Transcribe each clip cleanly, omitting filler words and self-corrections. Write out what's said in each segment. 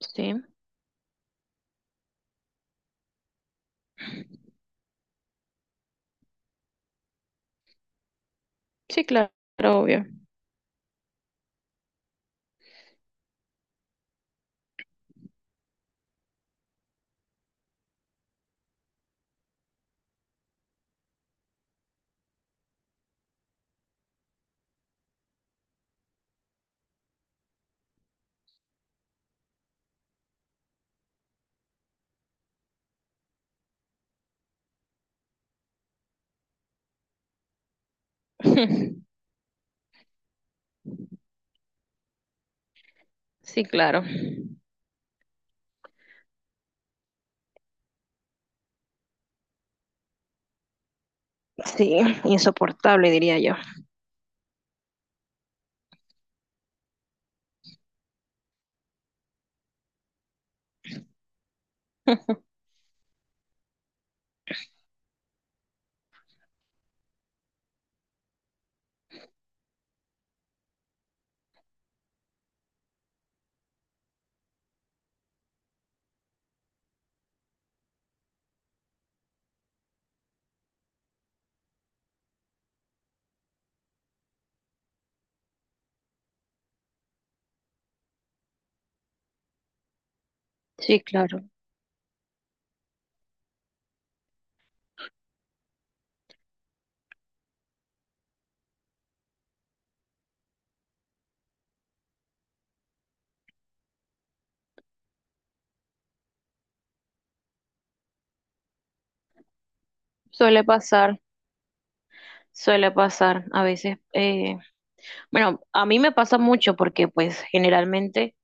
Sí, sí, claro, obvio. Sí, claro. Sí, insoportable, diría yo. Sí, claro. Suele pasar, suele pasar. A veces, bueno, a mí me pasa mucho porque pues generalmente,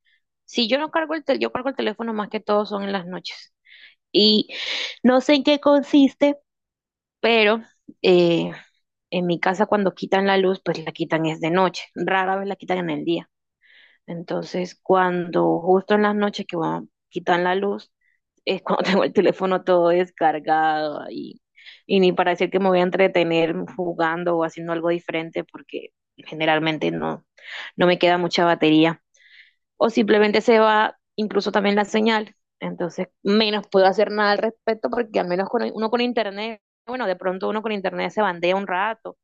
si yo no cargo el teléfono, yo cargo el teléfono más que todo son en las noches. Y no sé en qué consiste, pero eh, en mi casa cuando quitan la luz, pues la quitan es de noche. Rara vez la quitan en el día. Entonces, cuando justo en las noches que quitan la luz, es cuando tengo el teléfono todo descargado ahí. Y ni para decir que me voy a entretener jugando o haciendo algo diferente, porque generalmente no, no me queda mucha batería. O simplemente se va incluso también la señal. Entonces, menos puedo hacer nada al respecto, porque al menos con uno con internet, bueno, de pronto uno con internet se bandea un rato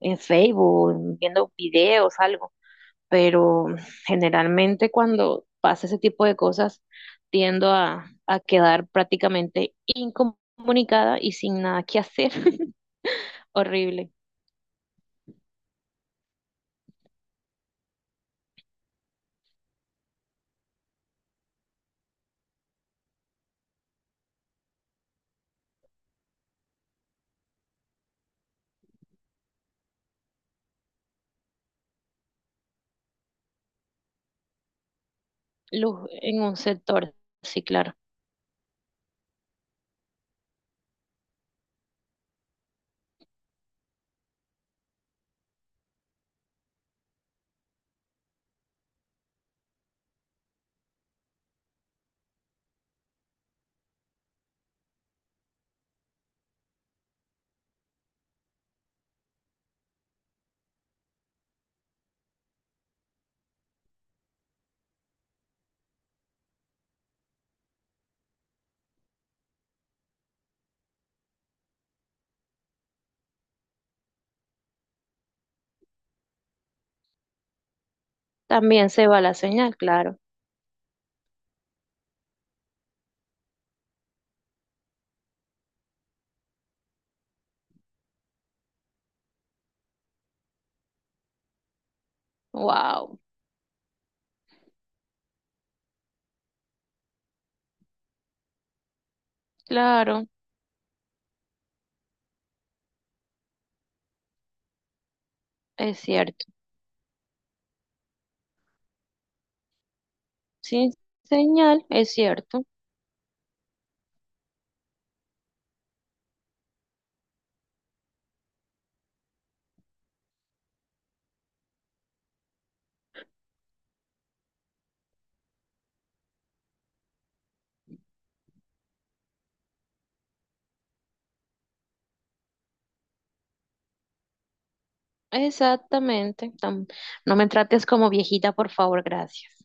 en Facebook, viendo videos, algo, pero generalmente cuando pasa ese tipo de cosas tiendo a quedar prácticamente incomunicada y sin nada que hacer. Horrible. Luz en un sector, sí, claro. También se va la señal, claro. Wow, claro, es cierto. Sin señal, es cierto. Exactamente. No me trates como viejita, por favor, gracias.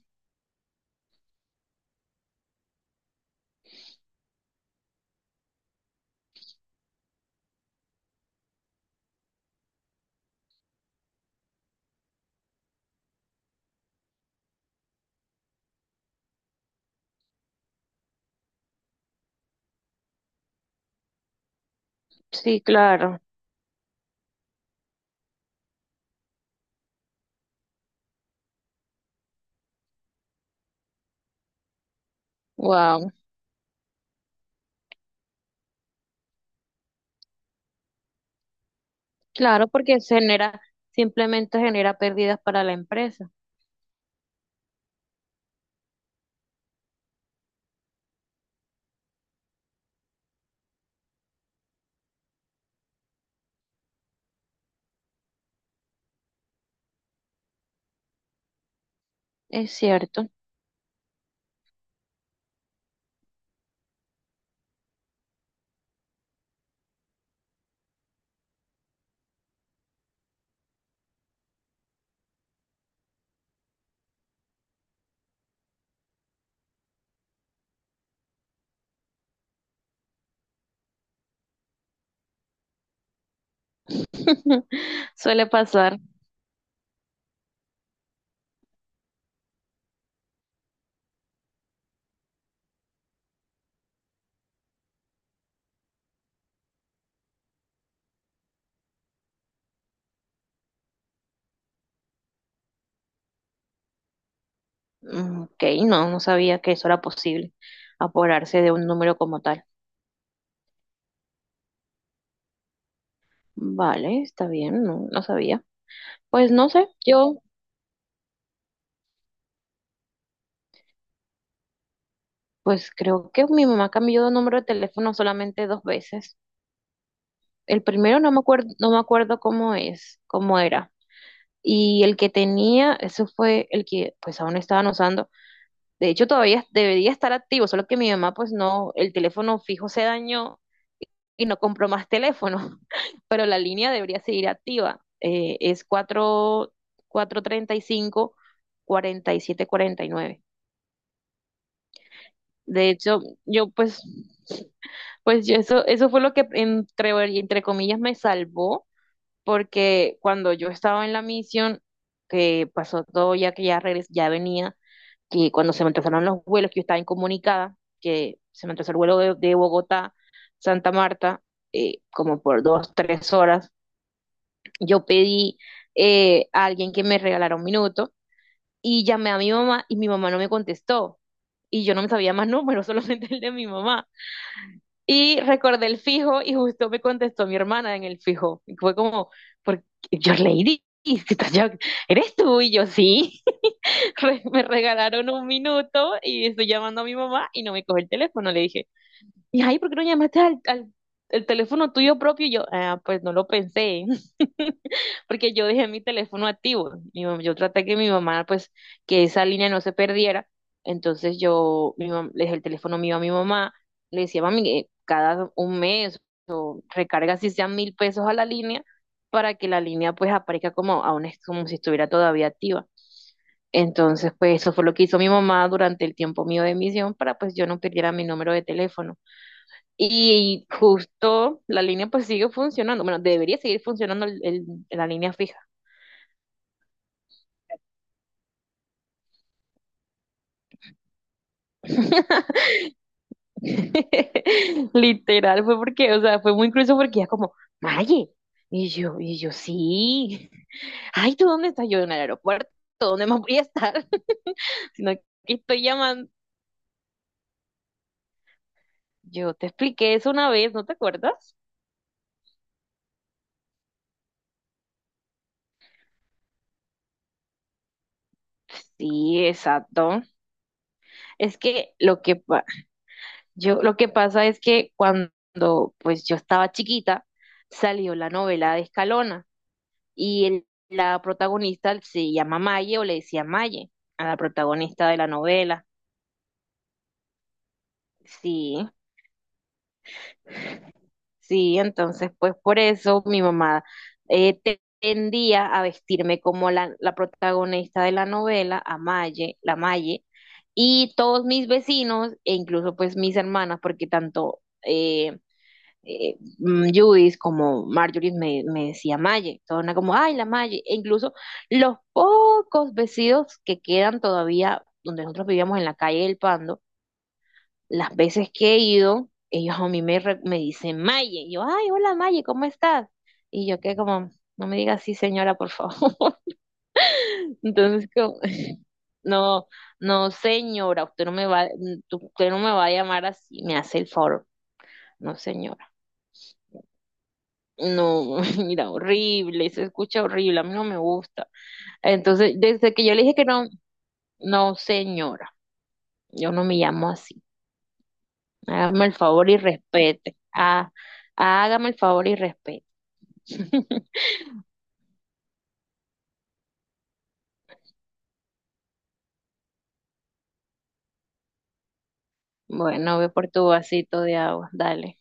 Sí, claro. Wow, claro, porque se genera, simplemente genera pérdidas para la empresa. Es cierto. Suele pasar. Mm, Ok, no, no sabía que eso era posible, apoderarse de un número como tal. Vale, está bien, no, no sabía. Pues no sé, pues creo que mi mamá cambió de número de teléfono solamente dos veces. El primero no me acuerdo, no me acuerdo cómo es, cómo era. Y el que tenía, eso fue el que pues aún estaban usando. De hecho, todavía debería estar activo, solo que mi mamá, pues no, el teléfono fijo se dañó y no compró más teléfono, pero la línea debería seguir activa. Es cuatro, cuatro treinta y cinco, cuarenta y siete cuarenta y nueve. De hecho, yo pues, pues yo eso fue lo que entre comillas me salvó, porque cuando yo estaba en la misión, que pasó todo ya que ya venía, que cuando se me atrasaron los vuelos, que yo estaba incomunicada, que se me atrasó el vuelo de Bogotá, Santa Marta, como por dos, tres horas, yo pedí a alguien que me regalara un minuto y llamé a mi mamá y mi mamá no me contestó. Y yo no me sabía más números, solamente el de mi mamá. Y recordé el fijo y justo me contestó mi hermana en el fijo. Y fue como, porque yo Lady, si estás eres tú y yo sí. Me regalaron un minuto y estoy llamando a mi mamá y no me coge el teléfono. Le dije, y ay, ¿por qué no llamaste al, el teléfono tuyo propio? Y yo, ah, pues no lo pensé, porque yo dejé mi teléfono activo. Yo traté que mi mamá, pues, que esa línea no se perdiera. Entonces le dejé el teléfono mío a mi mamá, le decía, mami, cada un mes o recarga si sean 1.000 pesos a la línea para que la línea pues aparezca como, aún es como si estuviera todavía activa. Entonces, pues eso fue lo que hizo mi mamá durante el tiempo mío de misión para pues yo no perdiera mi número de teléfono. Y justo la línea pues sigue funcionando. Bueno, debería seguir funcionando la línea fija. Literal fue porque, o sea, fue muy incluso porque ya como, Maye. Y yo, sí. Ay, ¿tú dónde estás? Yo en el aeropuerto. ¿Dónde más voy a estar? Sino que estoy llamando. Yo te expliqué eso una vez, ¿no te acuerdas? Sí, exacto. Es que lo que, pa- Yo lo que pasa es que cuando pues yo estaba chiquita salió la novela de Escalona y la protagonista se llama Maye o le decía Maye a la protagonista de la novela. Sí, sí, entonces pues por eso mi mamá tendía a vestirme como la protagonista de la novela, a Maye, la Maye, y todos mis vecinos e incluso pues mis hermanas, porque tanto Judith, como Marjorie me decía Maye, toda una como, ay, la Maye, e incluso los pocos vestidos que quedan todavía donde nosotros vivíamos en la calle del Pando, las veces que he ido, ellos a mí me dicen Maye, y yo, ay, hola Maye, ¿cómo estás? Y yo que como, no me diga así señora, por favor, entonces como, no, no señora, usted no me va a llamar así, me hace el favor, no señora. No, mira, horrible, se escucha horrible, a mí no me gusta. Entonces, desde que yo le dije que no, no, señora, yo no me llamo así. Hágame el favor y respete. Ah, hágame el favor y respete. Bueno, ve por tu vasito de agua, dale.